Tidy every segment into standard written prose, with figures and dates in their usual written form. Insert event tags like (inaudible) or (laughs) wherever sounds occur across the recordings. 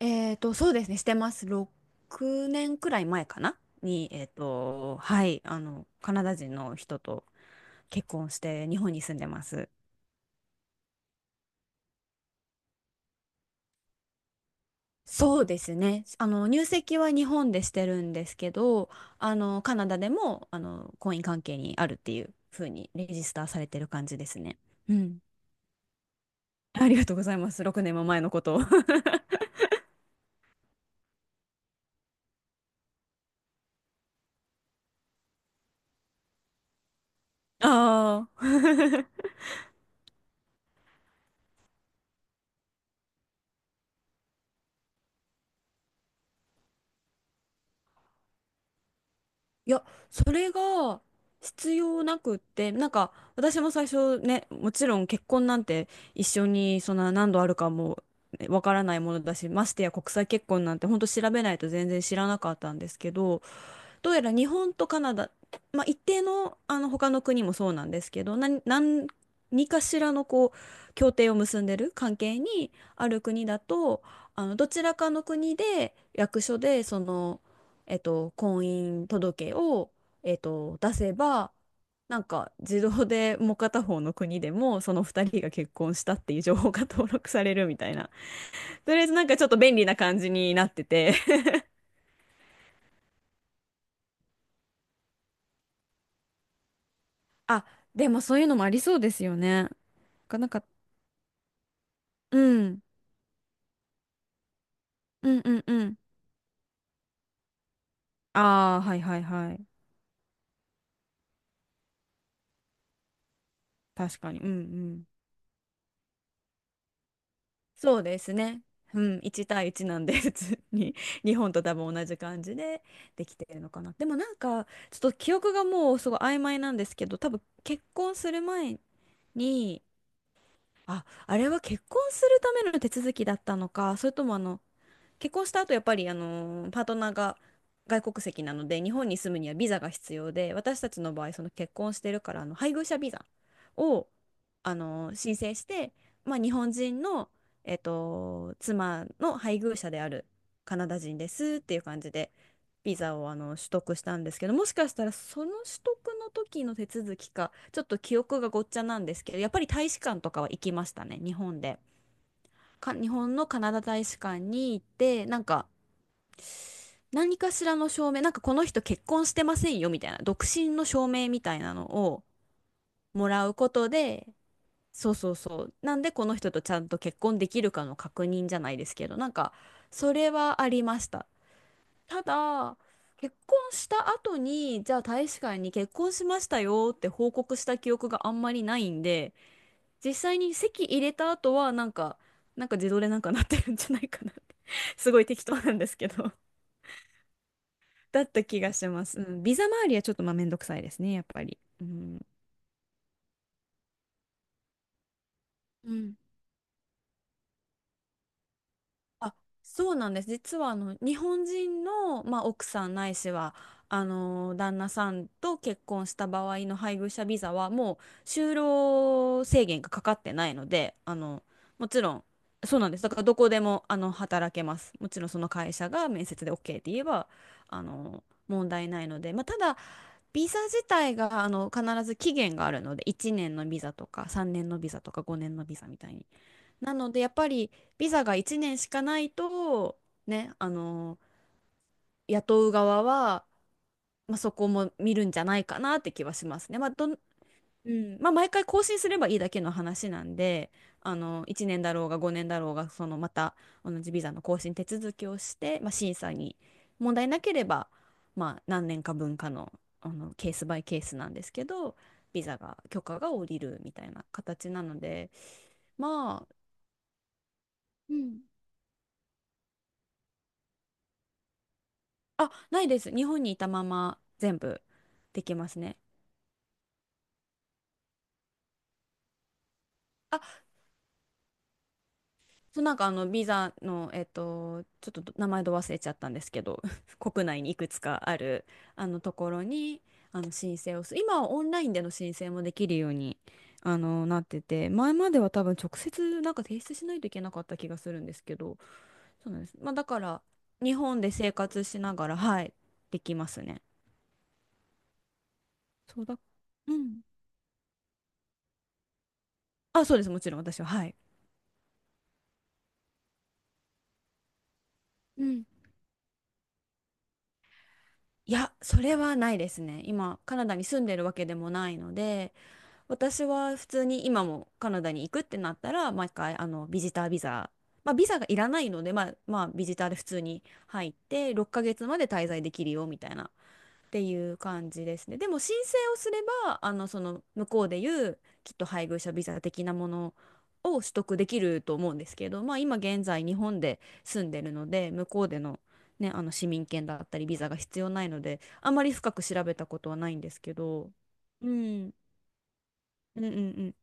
そうですね、してます。6年くらい前かなに、はい、カナダ人の人と結婚して日本に住んでます。そうですね。入籍は日本でしてるんですけど、カナダでも、婚姻関係にあるっていう風にレジスターされてる感じですね。うん。ありがとうございます。6年も前のことを。(laughs) ああ。いや、それが必要なくって、なんか私も最初ね、もちろん結婚なんて一緒にそんな何度あるかもねわからないものだし、ましてや国際結婚なんて本当調べないと全然知らなかったんですけど、どうやら日本とカナダ、まあ、一定の、あの他の国もそうなんですけど、何かしらのこう協定を結んでる関係にある国だと、あのどちらかの国で役所でその、婚姻届を、出せば、なんか自動でもう片方の国でもその2人が結婚したっていう情報が登録されるみたいな。とりあえずなんかちょっと便利な感じになってて。あ、でもそういうのもありそうですよね。なんか、うん、うんうんうん。ああ、はいはいはい。確かに。うんうん。そうですね。うん、1対1なんで、普通に (laughs) 日本と多分同じ感じでできてるのかな。でもなんか、ちょっと記憶がもうすごい曖昧なんですけど、多分結婚する前に、あ、あれは結婚するための手続きだったのか、それともあの、結婚した後やっぱりパートナーが外国籍なので日本に住むにはビザが必要で、私たちの場合その結婚してるからあの配偶者ビザを申請して、まあ、日本人の、妻の配偶者であるカナダ人ですっていう感じでビザをあの取得したんですけど、もしかしたらその取得の時の手続きかちょっと記憶がごっちゃなんですけど、やっぱり大使館とかは行きましたね、日本で。日本のカナダ大使館に行ってなんか何かしらの証明、なんかこの人結婚してませんよみたいな、独身の証明みたいなのをもらうことで、そうそうそう、なんでこの人とちゃんと結婚できるかの確認じゃないですけど、なんかそれはありました。ただ、結婚した後に、じゃあ大使館に結婚しましたよって報告した記憶があんまりないんで、実際に籍入れた後はなんか自動でなんかなってるんじゃないかなって (laughs) すごい適当なんですけど。うん、ビザ周りはちょっとまあめんどくさいですね、やっぱり。うん。うん。あ、そうなんです。実はあの日本人の、まあ、奥さんないしはあの旦那さんと結婚した場合の配偶者ビザはもう就労制限がかかってないので、あのもちろんそうなんです。だからどこでもあの働けます。もちろんその会社が面接で OK って言えばあの問題ないので、まあ、ただビザ自体があの必ず期限があるので、1年のビザとか3年のビザとか5年のビザみたいに。なのでやっぱりビザが1年しかないとね、あの雇う側は、まあ、そこも見るんじゃないかなって気はしますね。まあどんうん。まあ、毎回更新すればいいだけの話なんで、あの1年だろうが5年だろうがそのまた同じビザの更新手続きをして、まあ、審査に問題なければ、まあ、何年か分かの、あのケースバイケースなんですけどビザが許可が下りるみたいな形なので。まあ。うん。あ、ないです。日本にいたまま全部できますね。あ、そう、なんかあのビザの、ちょっと名前ど忘れちゃったんですけど、(laughs) 国内にいくつかあるあのところにあの申請を今はオンラインでの申請もできるようにあのなってて、前までは多分直接なんか提出しないといけなかった気がするんですけど、そうなんです。まあだから日本で生活しながら、はい、できますね。そうだ。うん。あ、そうです。もちろん私は、はい。うん。いや、それはないですね。今、カナダに住んでるわけでもないので、私は普通に今もカナダに行くってなったら、毎回、あの、ビジタービザ、まあ、ビザがいらないので、まあ、ビジターで普通に入って、6ヶ月まで滞在できるよ、みたいなっていう感じですね。でも申請をすれば、あの、その向こうでいうきっと配偶者ビザ的なものを取得できると思うんですけど、まあ今現在日本で住んでるので、向こうでのね、あの市民権だったりビザが必要ないので、あまり深く調べたことはないんですけど。うん、うんうんうん。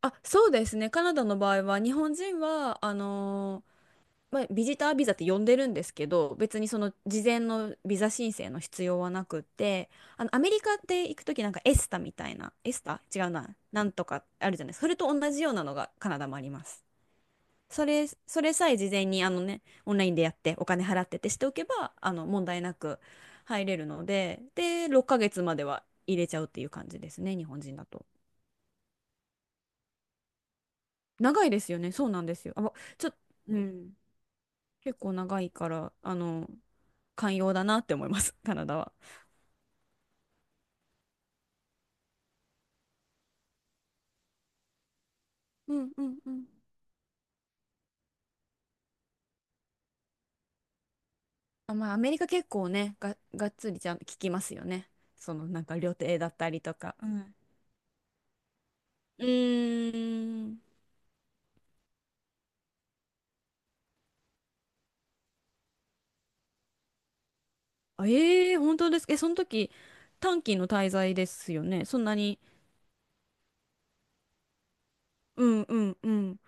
あ、そうですね。カナダの場合は、日本人は、あのまあ、ビジタービザって呼んでるんですけど、別にその事前のビザ申請の必要はなくって、あのアメリカって行くときなんかエスタみたいな、エスタ違うな、なんとかあるじゃないですか。それと同じようなのがカナダもあります。それさえ事前にあのね、オンラインでやってお金払ってってしておけば、あの問題なく入れるので、で、6ヶ月までは入れちゃうっていう感じですね、日本人だと。長いですよね、そうなんですよ。あ、ちょ、うん、結構長いから、あの、寛容だなって思います (laughs) カナダは。うんうんうん。あ、まあアメリカ結構ねがっつりちゃんと聞きますよね、そのなんか旅程だったりとか。うん。うーん。あ、ええ、本当ですか。え、その時、短期の滞在ですよね。そんなに。うんうんうん。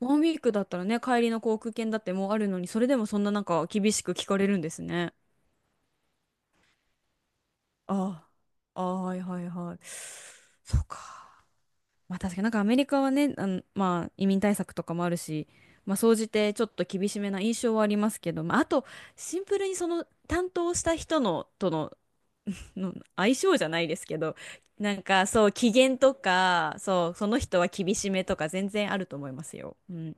ワンウィークだったらね、帰りの航空券だってもうあるのに、それでもそんななんか厳しく聞かれるんですね。ああ、ああ、はいはいはい。そうか。まあ確かになんかアメリカはね、あの、まあ移民対策とかもあるし、まあ総じてちょっと厳しめな印象はありますけど、まああとシンプルにその担当した人のとの、(laughs) の相性じゃないですけど、なんかそう機嫌とか、そうその人は厳しめとか全然あると思いますよ。うん。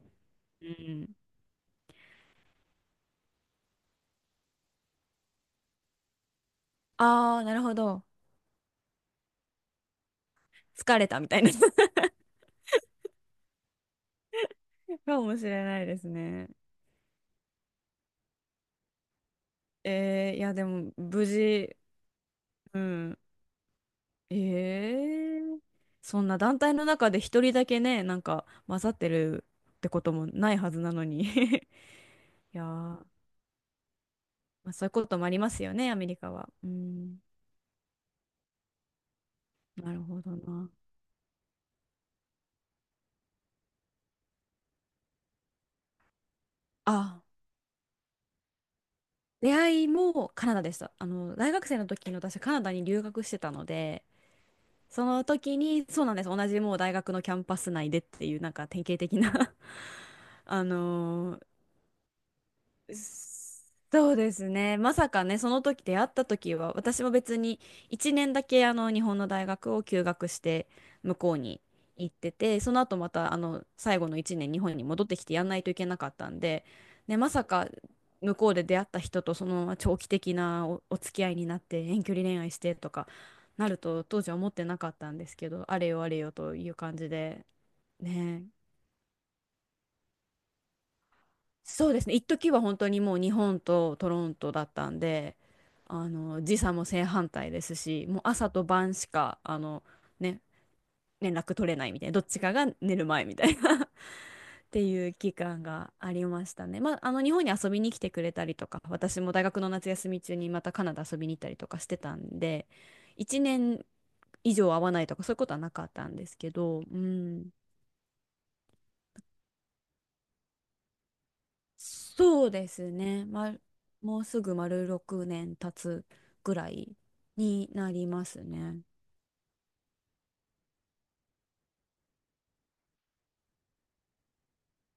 うん。ああ、なるほど。疲れたみたいな。(laughs) かもしれないですね。いやでも無事、うん。ええ、そんな団体の中で一人だけね、なんか混ざってるってこともないはずなのに (laughs) いやー、まあ、そういうこともありますよね、アメリカは。うん、なるほどな。あ、出会いもカナダでした。あの、大学生の時に私カナダに留学してたので、その時に、そうなんです。同じもう大学のキャンパス内でっていう、なんか典型的な (laughs) あのーそうですね。まさかね、その時出会った時は、私も別に1年だけあの日本の大学を休学して向こうに行ってて、その後またあの最後の1年日本に戻ってきてやんないといけなかったんで、ね、まさか向こうで出会った人とそのまま長期的なお付き合いになって遠距離恋愛してとかなると当時は思ってなかったんですけど、あれよあれよという感じで、ね、そうですね、一時は本当にもう日本とトロントだったんで、あの時差も正反対ですし、もう朝と晩しかあの、ね、連絡取れないみたいな、どっちかが寝る前みたいな (laughs) っていう期間がありましたね。まあ、あの日本に遊びに来てくれたりとか、私も大学の夏休み中にまたカナダ遊びに行ったりとかしてたんで、1年以上会わないとかそういうことはなかったんですけど、うん、そうですね。ま、もうすぐ丸6年経つぐらいになりますね。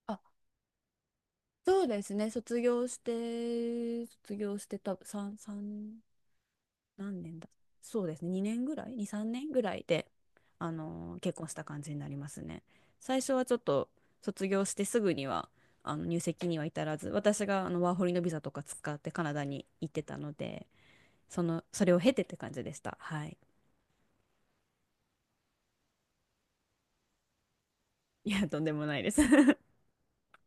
あ、そうですね。卒業してた、3、三何年だ。そうですね。2年ぐらい？ 2、3年ぐらいで、結婚した感じになりますね。最初はちょっと卒業してすぐには、あの入籍には至らず、私があのワーホリのビザとか使ってカナダに行ってたので、それを経てって感じでした。はい。いや、とんでもないです。(laughs)